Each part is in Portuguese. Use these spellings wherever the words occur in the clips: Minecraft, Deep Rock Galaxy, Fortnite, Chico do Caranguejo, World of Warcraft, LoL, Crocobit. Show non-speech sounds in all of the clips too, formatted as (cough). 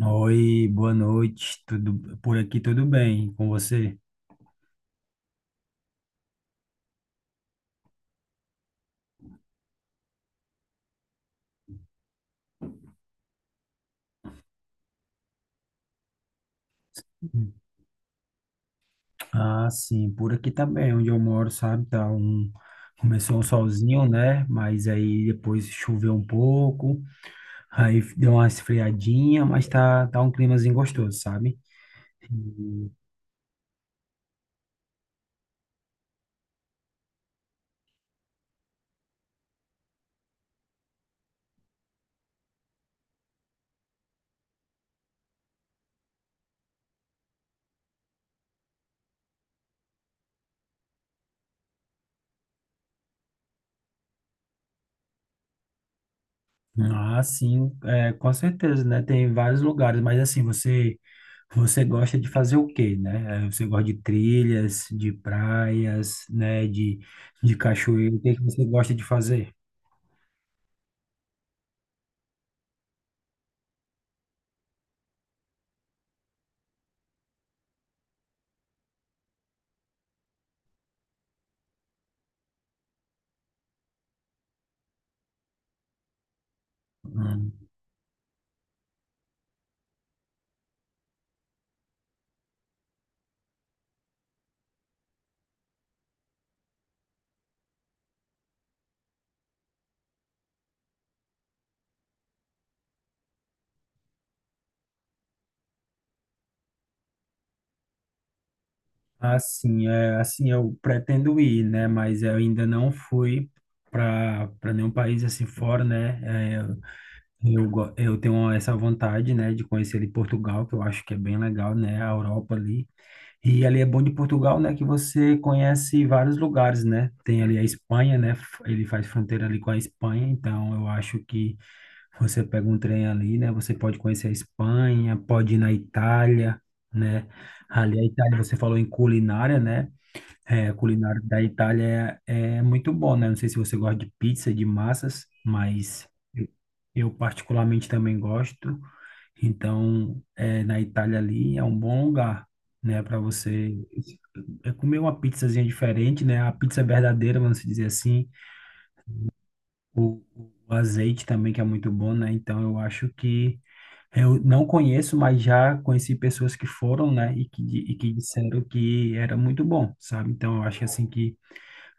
Oi, boa noite. Tudo por aqui, tudo bem com você? Ah, sim, por aqui tá bem, onde eu moro, sabe? Tá um, começou um solzinho, né? Mas aí depois choveu um pouco, (laughs) aí deu uma esfriadinha, mas tá um climazinho gostoso, sabe? Ah, sim, é, com certeza, né? Tem vários lugares, mas assim, você gosta de fazer o quê, né? Você gosta de trilhas, de praias, né? De cachoeira, o que que você gosta de fazer? Hum. Assim, é, assim, eu pretendo ir, né? Mas eu ainda não fui para nenhum país assim fora, né? Eu tenho essa vontade, né, de conhecer ali Portugal, que eu acho que é bem legal, né? A Europa ali. E ali é bom de Portugal, né, que você conhece vários lugares, né? Tem ali a Espanha, né? Ele faz fronteira ali com a Espanha, então eu acho que você pega um trem ali, né? Você pode conhecer a Espanha, pode ir na Itália, né? Ali a Itália, você falou em culinária, né? É, a culinária da Itália é, é muito bom, né? Não sei se você gosta de pizza, de massas, mas eu eu particularmente também gosto. Então, é, na Itália ali é um bom lugar, né, para você comer uma pizzazinha diferente, né? A pizza é verdadeira, vamos dizer assim. O, o azeite também que é muito bom, né? Então, eu acho que eu não conheço, mas já conheci pessoas que foram, né, e que disseram que era muito bom, sabe? Então, eu acho assim que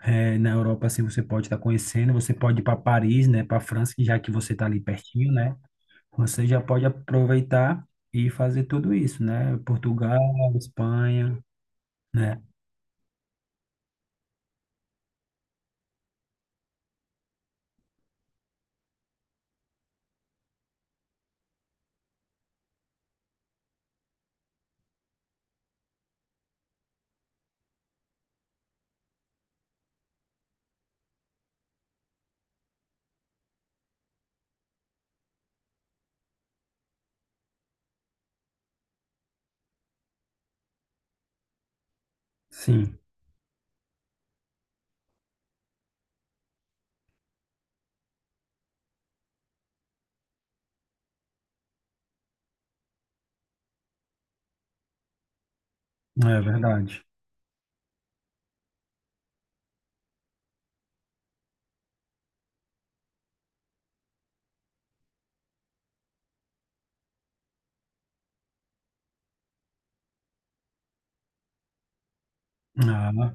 é, na Europa assim você pode estar conhecendo, você pode ir para Paris, né, para França, que já que você está ali pertinho, né? Você já pode aproveitar e fazer tudo isso, né? Portugal, Espanha, né? Sim, é verdade. Ah,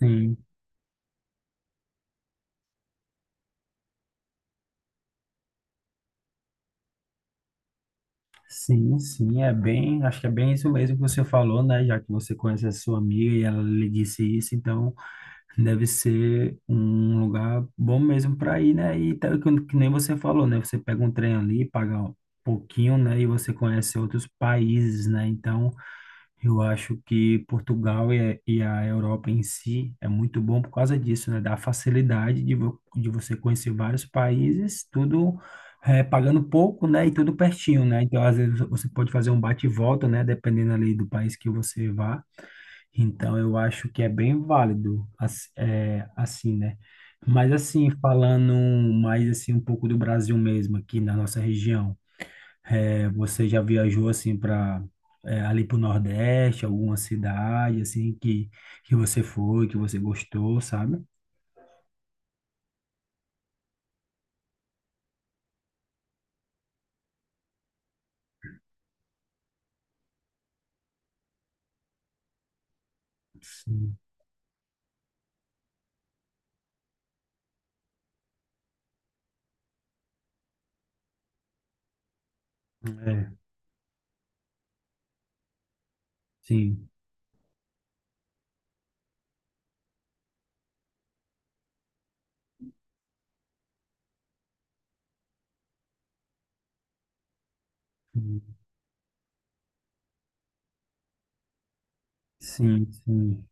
sim, sim, sim, é bem, acho que é bem isso mesmo que você falou, né? Já que você conhece a sua amiga e ela lhe disse isso, então deve ser um lugar bom mesmo para ir, né? E que nem você falou, né? Você pega um trem ali, paga um pouquinho, né? E você conhece outros países, né? Então eu acho que Portugal e a Europa em si é muito bom por causa disso, né? Da facilidade de, de você conhecer vários países, tudo pagando pouco, né? E tudo pertinho, né? Então, às vezes, você pode fazer um bate e volta, né? Dependendo ali do país que você vá. Então, eu acho que é bem válido, assim, né? Mas, assim, falando mais, assim, um pouco do Brasil mesmo, aqui na nossa região. É, você já viajou assim para ali para o Nordeste, alguma cidade assim que você foi, que você gostou, sabe? Sim, é, sim, sim, sim. Sim.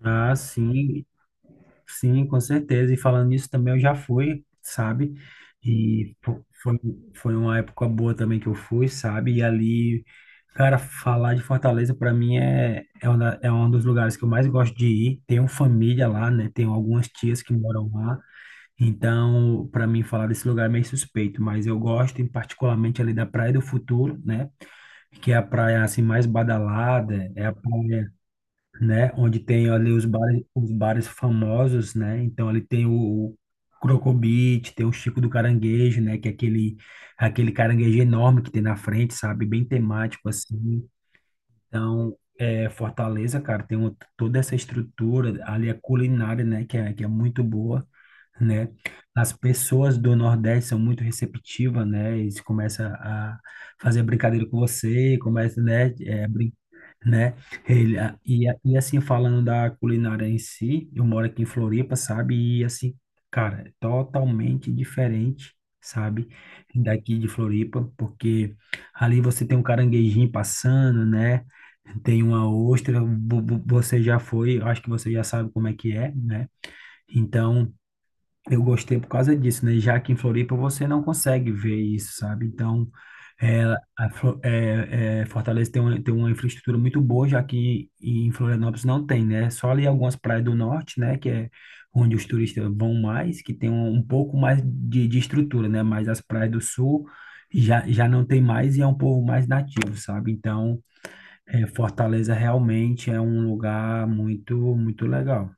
Ah, sim. Sim, com certeza. E falando nisso também, eu já fui, sabe? E foi, foi uma época boa também que eu fui, sabe? E ali, cara, falar de Fortaleza para mim é, é, é um dos lugares que eu mais gosto de ir. Tenho família lá, né? Tenho algumas tias que moram lá. Então, para mim, falar desse lugar é meio suspeito, mas eu gosto, em particularmente ali da Praia do Futuro, né? Que é a praia assim mais badalada, é a praia, né? Onde tem ali os bares famosos, né? Então ali tem o Crocobit, tem o Chico do Caranguejo, né? Que é aquele, aquele caranguejo enorme que tem na frente, sabe? Bem temático assim. Então, é, Fortaleza, cara, tem toda essa estrutura ali, a culinária, né? Que é muito boa, né? As pessoas do Nordeste são muito receptivas, né? Eles começam a fazer brincadeira com você, começa, né? É, brin, né? Ele, a- e assim, falando da culinária em si, eu moro aqui em Floripa, sabe? E assim, cara, é totalmente diferente, sabe? Daqui de Floripa, porque ali você tem um caranguejinho passando, né? Tem uma ostra, você já foi, eu acho que você já sabe como é que é, né? Então, eu gostei por causa disso, né? Já que em Floripa você não consegue ver isso, sabe? Então, é, Fortaleza tem uma infraestrutura muito boa, já que em Florianópolis não tem, né? Só ali algumas praias do norte, né? Que é onde os turistas vão mais, que tem um, um pouco mais de estrutura, né? Mas as praias do sul já, já não tem mais e é um povo mais nativo, sabe? Então, é, Fortaleza realmente é um lugar muito, muito legal.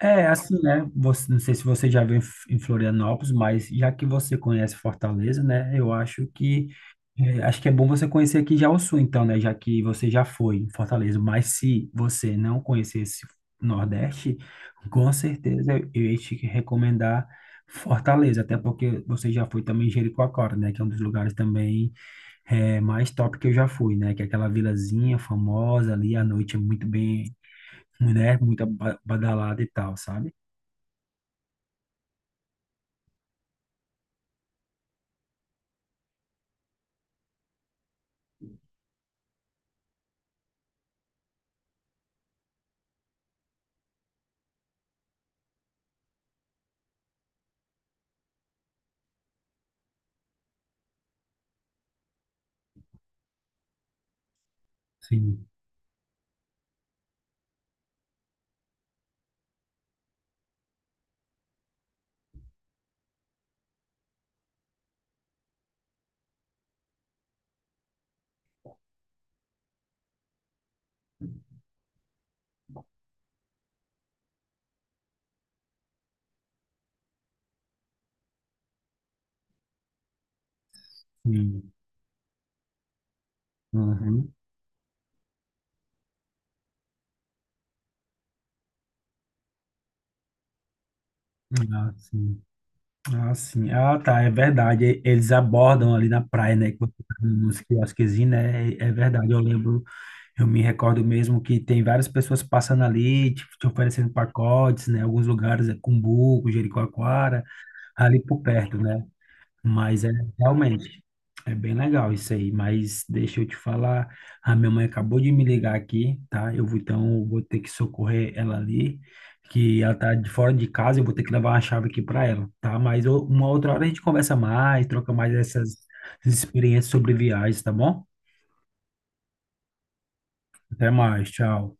É, assim, né? Você, não sei se você já veio em em Florianópolis, mas já que você conhece Fortaleza, né? Eu acho que é bom você conhecer aqui já o Sul, então, né? Já que você já foi em Fortaleza. Mas se você não conhecesse o Nordeste, com certeza eu ia te recomendar Fortaleza, até porque você já foi também em Jericoacoara, né? Que é um dos lugares também é, mais top que eu já fui, né? Que é aquela vilazinha famosa ali, à noite é muito bem, né? Muito badalada e tal, sabe? Sim, sim. Uhum. Ah, sim. Ah, sim. Ah, tá, é verdade. Eles abordam ali na praia, né? Que você tá nos quiosquezinhos, né? É, é verdade. Eu lembro, eu me recordo mesmo que tem várias pessoas passando ali, te oferecendo pacotes, né? Alguns lugares é Cumbuco, Jericoacoara, ali por perto, né? Mas é realmente, é bem legal isso aí. Mas deixa eu te falar, a minha mãe acabou de me ligar aqui, tá? Eu vou, então vou ter que socorrer ela ali, que ela tá de fora de casa, eu vou ter que levar uma chave aqui para ela, tá? Mas uma outra hora a gente conversa mais, troca mais essas experiências sobre viagens, tá bom? Até mais, tchau.